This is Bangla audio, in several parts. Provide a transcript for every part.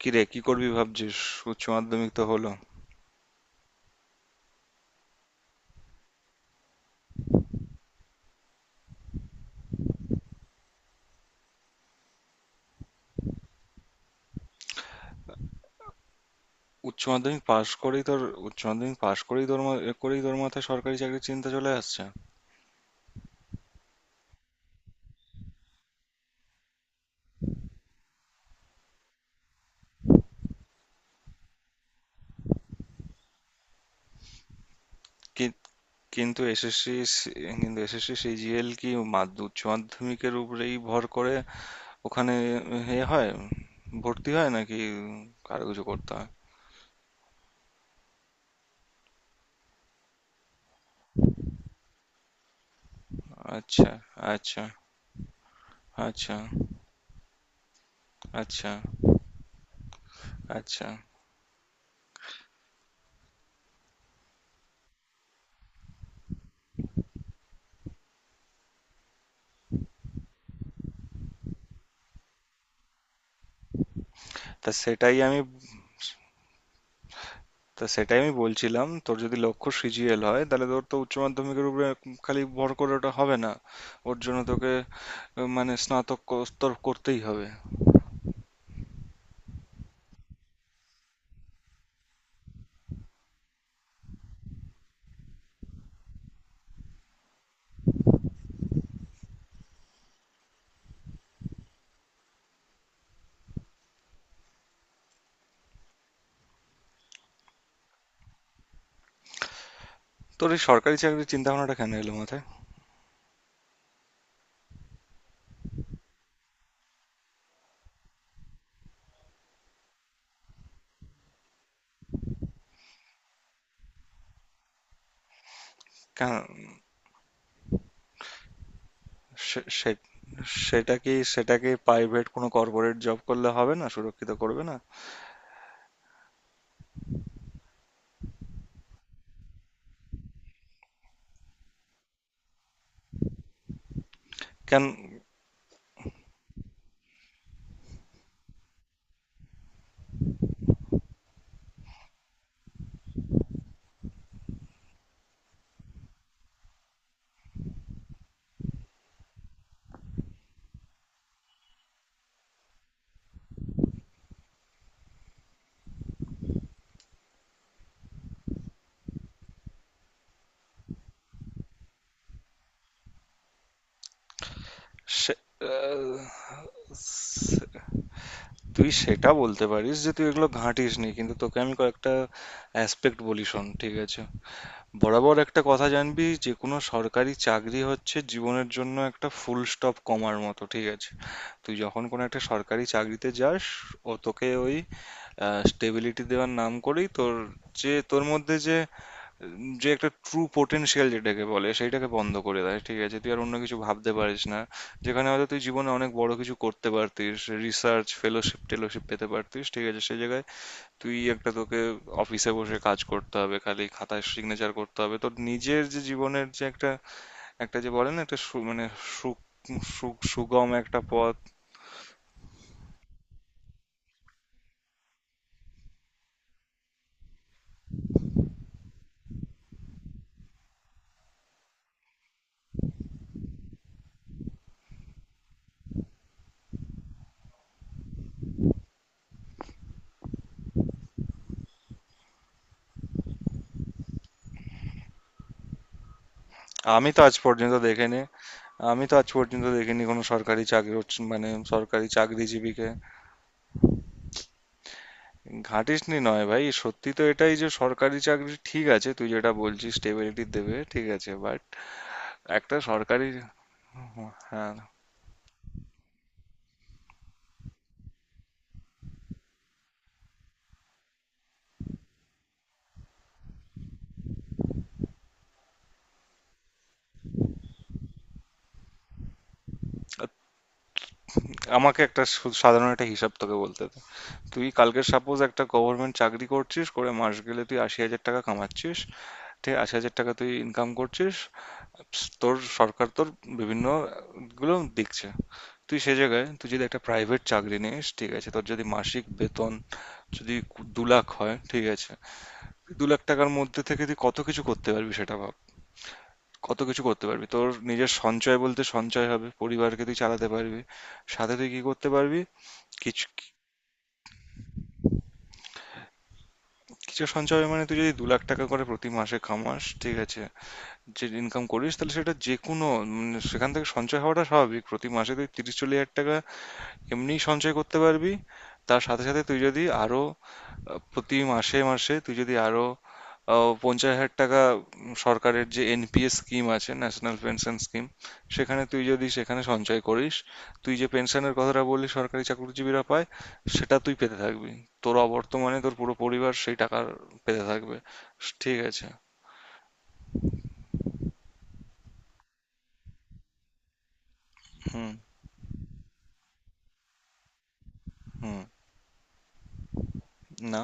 কি রে, কি করবি ভাবছিস? উচ্চ মাধ্যমিক তো হলো। উচ্চ মাধ্যমিক পাশ করেই তোর উচ্চ মাধ্যমিক পাশ করেই তোর মা- করেই তোর মাথায় সরকারি চাকরির চিন্তা চলে আসছে? কি- কিন্তু এসএসসি কিন্তু এসএসসি সিজিএল কি উচ্চ মাধ্যমিকের উপরেই ভর করে, ওখানে এ হয়, ভর্তি হয় নাকি আরো কিছু করতে হয়? আচ্ছা। আচ্ছা। আচ্ছা। আচ্ছা। আচ্ছা। তা সেটাই আমি তা সেটাই আমি বলছিলাম, তোর যদি লক্ষ্য সিজিএল হয় তাহলে তোর তো উচ্চ মাধ্যমিকের উপরে খালি ভর করে ওটা হবে না। ওর জন্য তোকে মানে স্নাতক স্তর করতেই হবে। তোর এই সরকারি চাকরির চিন্তা ভাবনাটা কেন এলো মাথায়? কেন? সে- সে- সেটা কি, সেটাকে প্রাইভেট কোনো কর্পোরেট জব করলে হবে না, সুরক্ষিত করবে না? কেন? সে- আহ, সে- তুই সেটা বলতে পারিস যে তুই এগুলো ঘাঁটিস নি, কিন্তু তোকে আমি কয়েকটা অ্যাসপেক্ট বলি, শোন, ঠিক আছে? বরাবর একটা কথা জানবি, যে কোনো সরকারি চাকরি হচ্ছে জীবনের জন্য একটা ফুল স্টপ কমার মতো, ঠিক আছে? তুই যখন কোনো একটা সরকারি চাকরিতে যাস, ও তোকে ওই স্টেবিলিটি দেওয়ার নাম করেই তোর, যে তোর মধ্যে যে যে একটা ট্রু পোটেনশিয়াল যেটাকে বলে সেইটাকে বন্ধ করে দেয়, ঠিক আছে? তুই আর অন্য কিছু ভাবতে পারিস না, যেখানে হয়তো তুই জীবনে অনেক বড় কিছু করতে পারতিস, রিসার্চ ফেলোশিপ টেলোশিপ পেতে পারতিস, ঠিক আছে? সেই জায়গায় তুই একটা তোকে অফিসে বসে কাজ করতে হবে, খালি খাতায় সিগনেচার করতে হবে, তোর নিজের যে জীবনের যে একটা একটা যে বলে না, একটা সু- মানে সুখ সুখ- সুগম একটা পথ। আমি তো আজ পর্যন্ত দেখিনি আমি তো আজ পর্যন্ত দেখিনি কোনো সরকারি চাকরি মানে সরকারি চাকরিজীবীকে। ঘাঁটিসনি নয় ভাই, সত্যি তো এটাই যে সরকারি চাকরি, ঠিক আছে, তুই যেটা বলছিস স্টেবিলিটি দেবে, ঠিক আছে, বাট একটা সরকারি... হ্যাঁ, আমাকে একটা সাধারণ একটা হিসাব তোকে বলতে দে। তুই কালকে সাপোজ একটা গভর্নমেন্ট চাকরি করছিস, করে মাস গেলে তুই ৮০,০০০ টাকা কামাচ্ছিস। ঠিক ৮০,০০০ টাকা তুই ইনকাম করছিস। তোর সরকার তোর বিভিন্ন গুলো দেখছে। তুই সে জায়গায়, তুই যদি একটা প্রাইভেট চাকরি নিস, ঠিক আছে, তোর যদি মাসিক বেতন যদি ২ লাখ হয়, ঠিক আছে, তুই ২ লাখ টাকার মধ্যে থেকে তুই কত কিছু করতে পারবি সেটা ভাব। কত কিছু করতে পারবি, তোর নিজের সঞ্চয় বলতে সঞ্চয় হবে, পরিবারকে তুই চালাতে পারবি, সাথে তুই কি করতে পারবি? কিছু, কিছু সঞ্চয়, মানে তুই যদি ২ লাখ টাকা করে প্রতি মাসে কামাস, ঠিক আছে, যে ইনকাম করিস, তাহলে সেটা যে কোনো, মানে সেখান থেকে সঞ্চয় হওয়াটা স্বাভাবিক, প্রতি মাসে তুই ৩০-৪০ হাজার টাকা এমনিই সঞ্চয় করতে পারবি। তার সাথে সাথে তুই যদি আরো প্রতি মাসে মাসে তুই যদি আরো ৫০ হাজার টাকা, সরকারের যে এনপিএস স্কিম আছে, ন্যাশনাল পেনশন স্কিম, সেখানে তুই যদি সেখানে সঞ্চয় করিস, তুই যে পেনশনের কথাটা বললি সরকারি চাকরিজীবীরা পায়, সেটা তুই পেতে থাকবি। তোর অবর্তমানে তোর পুরো পরিবার সেই টাকা পেতে থাকবে, ঠিক আছে? হুম। হুম। না,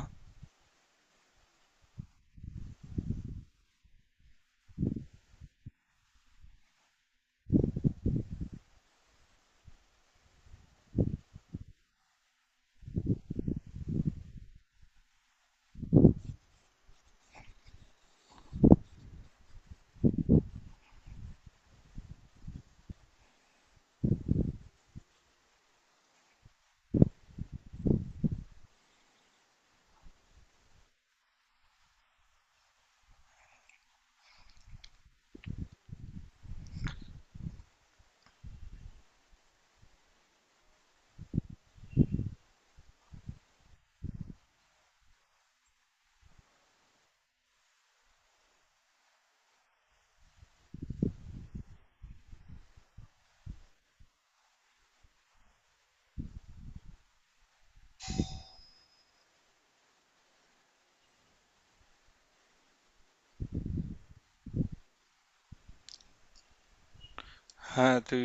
হ্যাঁ, তুই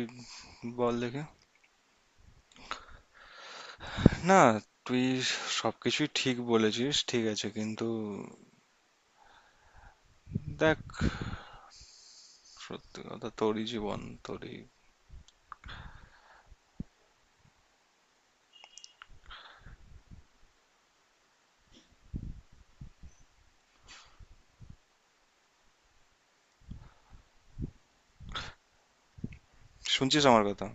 বল দেখে। না, তুই সবকিছুই ঠিক বলেছিস, ঠিক আছে, কিন্তু দেখ, সত্যি কথা তোরই জীবন, তোরই শুনছিস আমার কথা?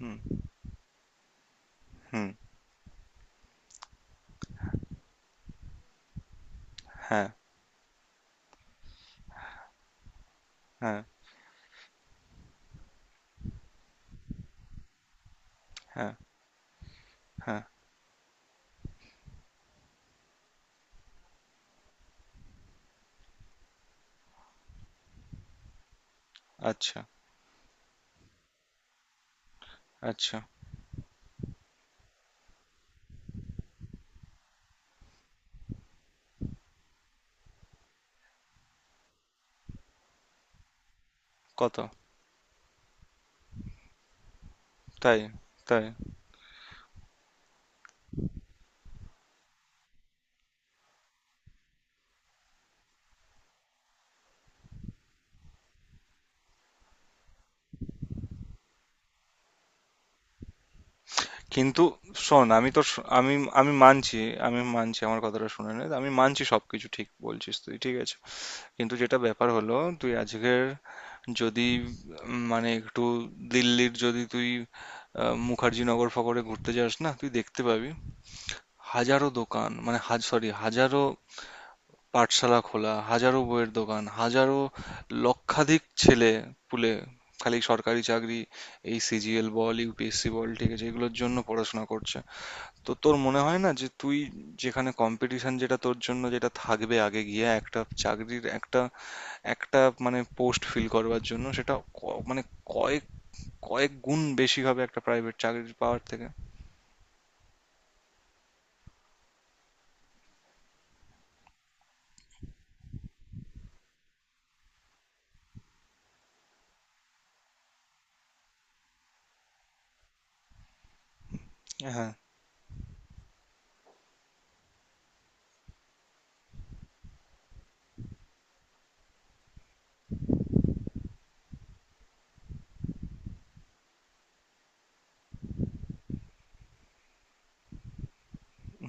হুম। হুম। হ্যাঁ। হ্যাঁ। হ্যাঁ। হ্যাঁ। আচ্ছা। আচ্ছা। কত? তাই? তাই? কিন্তু শোন, আমি তো শ- আমি আমি মানছি আমি মানছি, আমার কথাটা শুনে নে। আমি মানছি সবকিছু ঠিক বলছিস তুই, ঠিক আছে? কিন্তু যেটা ব্যাপার হলো, তুই আজকের যদি মানে একটু দিল্লির যদি তুই মুখার্জিনগর ফকরে ঘুরতে যাস না, তুই দেখতে পাবি হাজারো দোকান, মানে হাজারো পাঠশালা খোলা, হাজারো বইয়ের দোকান, হাজারো লক্ষাধিক ছেলে পুলে, খালি সরকারি চাকরি, এই সিজিএল বল, ইউপিএসসি বল, ঠিক আছে, এগুলোর জন্য পড়াশোনা করছে। তো তোর মনে হয় না যে তুই, যেখানে কম্পিটিশন যেটা তোর জন্য যেটা থাকবে আগে গিয়ে একটা চাকরির একটা একটা মানে পোস্ট ফিল করবার জন্য সেটা মানে কয়েক কয়েক গুণ বেশি হবে একটা প্রাইভেট চাকরি পাওয়ার থেকে? হ্যাঁ।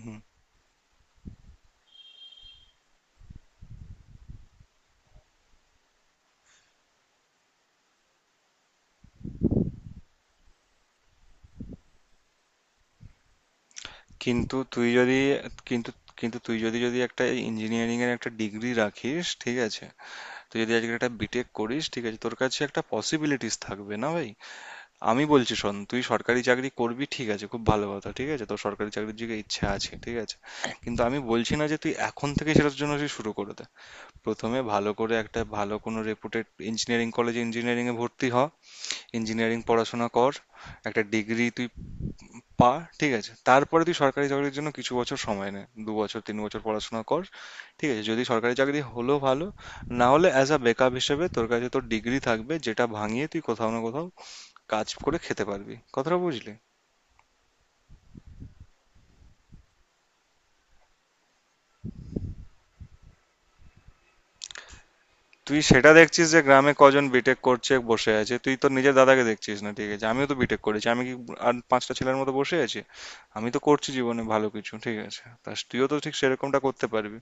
হুম। কিন্তু তুই যদি কিন্তু কিন্তু তুই যদি যদি একটা ইঞ্জিনিয়ারিং এর একটা ডিগ্রি রাখিস, ঠিক আছে, তুই যদি আজকে একটা বিটেক করিস, ঠিক আছে, তোর কাছে একটা পসিবিলিটিস থাকবে না ভাই। আমি বলছি শোন, তুই সরকারি চাকরি করবি, ঠিক আছে, খুব ভালো কথা, ঠিক আছে, তোর সরকারি চাকরির দিকে ইচ্ছা আছে, ঠিক আছে। কিন্তু আমি বলছি না যে তুই এখন থেকে সেটার জন্য তুই শুরু করে দে। প্রথমে ভালো করে একটা ভালো কোনো রেপুটেড ইঞ্জিনিয়ারিং কলেজে ইঞ্জিনিয়ারিং এ ভর্তি হ। ইঞ্জিনিয়ারিং পড়াশোনা কর, একটা ডিগ্রি তুই পা, ঠিক আছে? তারপরে তুই সরকারি চাকরির জন্য কিছু বছর সময় নে। ২ বছর ৩ বছর পড়াশোনা কর। ঠিক আছে? যদি সরকারি চাকরি হলো ভালো, না হলে অ্যাজ আ ব্যাকআপ হিসেবে তোর কাছে তোর ডিগ্রি থাকবে যেটা ভাঙিয়ে তুই কোথাও না কোথাও কাজ করে খেতে পারবি। কথাটা বুঝলি? তুই সেটা দেখছিস যে গ্রামে কজন বিটেক করছে বসে আছে। তুই তোর নিজের দাদাকে দেখছিস না, ঠিক আছে? আমিও তো বিটেক করেছি। আমি কি আর পাঁচটা ছেলের মতো বসে আছি? আমি তো করছি জীবনে ভালো কিছু, ঠিক আছে? তা তুইও তো ঠিক সেরকমটা করতে পারবি।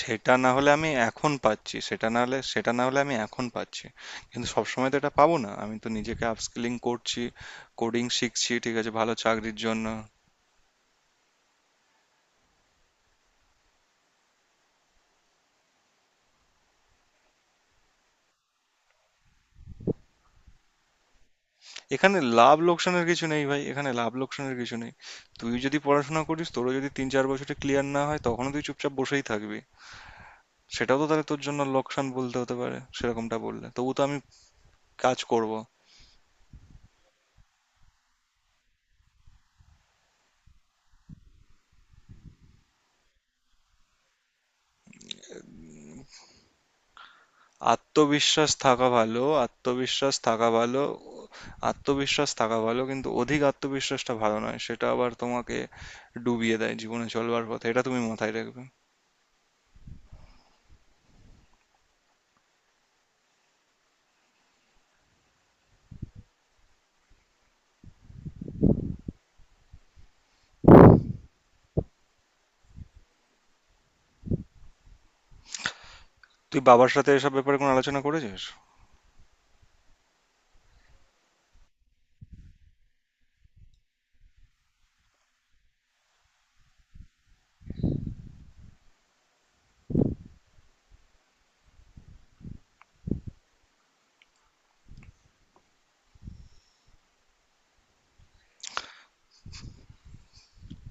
সেটা না হলে আমি এখন পাচ্ছি সেটা না হলে সেটা না হলে আমি এখন পাচ্ছি, কিন্তু সবসময় তো এটা পাবো না। আমি তো নিজেকে আপস্কিলিং করছি, কোডিং শিখছি, ঠিক আছে, ভালো চাকরির জন্য। এখানে লাভ লোকসানের কিছু নেই। তুই যদি পড়াশোনা করিস, তোরও যদি ৩-৪ বছরে ক্লিয়ার না হয়, তখনও তুই চুপচাপ বসেই থাকবি। সেটাও তো তাহলে তোর জন্য লোকসান বলতে হতে পারে সেরকমটা বললে, তবু তো আমি কাজ করব। আত্মবিশ্বাস থাকা ভালো, আত্মবিশ্বাস থাকা ভালো। আত্মবিশ্বাস থাকা ভালো, কিন্তু অধিক আত্মবিশ্বাসটা ভালো নয়। সেটা আবার তোমাকে ডুবিয়ে দেয় জীবনে চলবার পথে। এটা তুমি মাথায় রাখবে। তুই বাবার সাথে এসব ব্যাপারে কোনো আলোচনা করেছিস?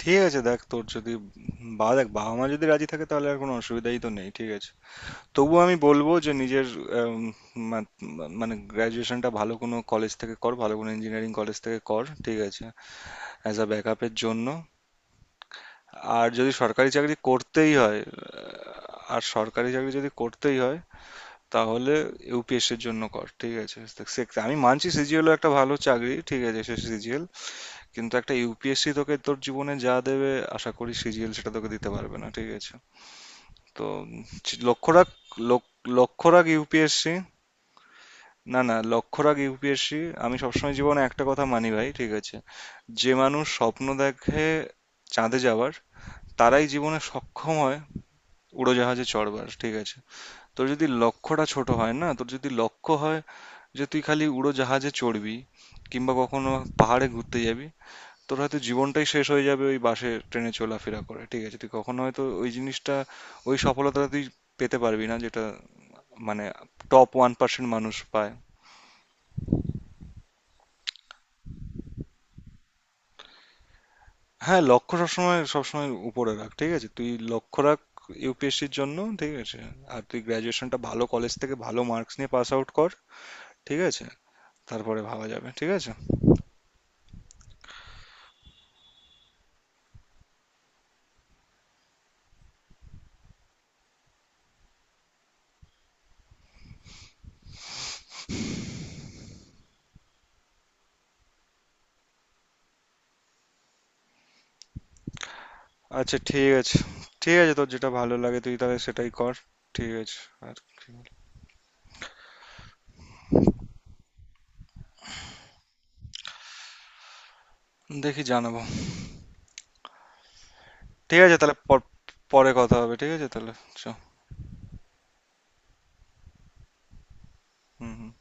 ঠিক আছে, দেখ তোর যদি, বা দেখ বাবা মা যদি রাজি থাকে তাহলে আর কোনো অসুবিধাই তো নেই, ঠিক আছে। তবুও আমি বলবো যে নিজের আম, মা- মানে গ্র্যাজুয়েশনটা ভালো কোনো কলেজ থেকে কর, ভালো কোনো ইঞ্জিনিয়ারিং কলেজ থেকে কর, ঠিক আছে, অ্যাজ আ ব্যাকআপের জন্য। আর যদি সরকারি চাকরি করতেই হয়, আর সরকারি চাকরি যদি করতেই হয় তাহলে ইউপিএসসির জন্য কর, ঠিক আছে। আমি মানছি সিজিএল একটা ভালো চাকরি, ঠিক আছে, সে সিজিএল, কিন্তু একটা ইউপিএসসি তোকে তোর জীবনে যা দেবে, আশা করি সিজিএল সেটা তোকে দিতে পারবে না, ঠিক আছে। তো লক্ষ্য রাখ লক- লক্ষ্য রাখ ইউপিএসসি। না, না, লক্ষ্য রাখ ইউপিএসসি। আমি সবসময় জীবনে একটা কথা মানি ভাই, ঠিক আছে, যে মানুষ স্বপ্ন দেখে চাঁদে যাওয়ার, তারাই জীবনে সক্ষম হয় উড়োজাহাজে চড়বার, ঠিক আছে? তোর যদি লক্ষ্যটা ছোট হয় না, তোর যদি লক্ষ্য হয় যে তুই খালি উড়োজাহাজে চড়বি কিংবা কখনো পাহাড়ে ঘুরতে যাবি, তোর হয়তো জীবনটাই শেষ হয়ে যাবে ওই বাসে ট্রেনে চলাফেরা করে, ঠিক আছে, তুই কখনো হয়তো ওই সফলতাটা তুই পেতে পারবি না যেটা, মানে, টপ ১% মানুষ পায়। হ্যাঁ, লক্ষ্য সবসময় সবসময় উপরে রাখ, ঠিক আছে, তুই লক্ষ্য রাখ ইউপিএসসির জন্য, ঠিক আছে। আর তুই গ্র্যাজুয়েশনটা ভালো কলেজ থেকে ভালো মার্কস নিয়ে পাস আউট কর, ঠিক আছে, তারপরে ভাবা যাবে, ঠিক আছে। আচ্ছা, ঠিক আছে, তোর যেটা ভালো লাগে তুই তাহলে সেটাই কর, ঠিক আছে। আর কি? দেখি জানাবো। ঠিক আছে তাহলে, পরে কথা হবে, ঠিক আছে তাহলে, চ। হুম হুম।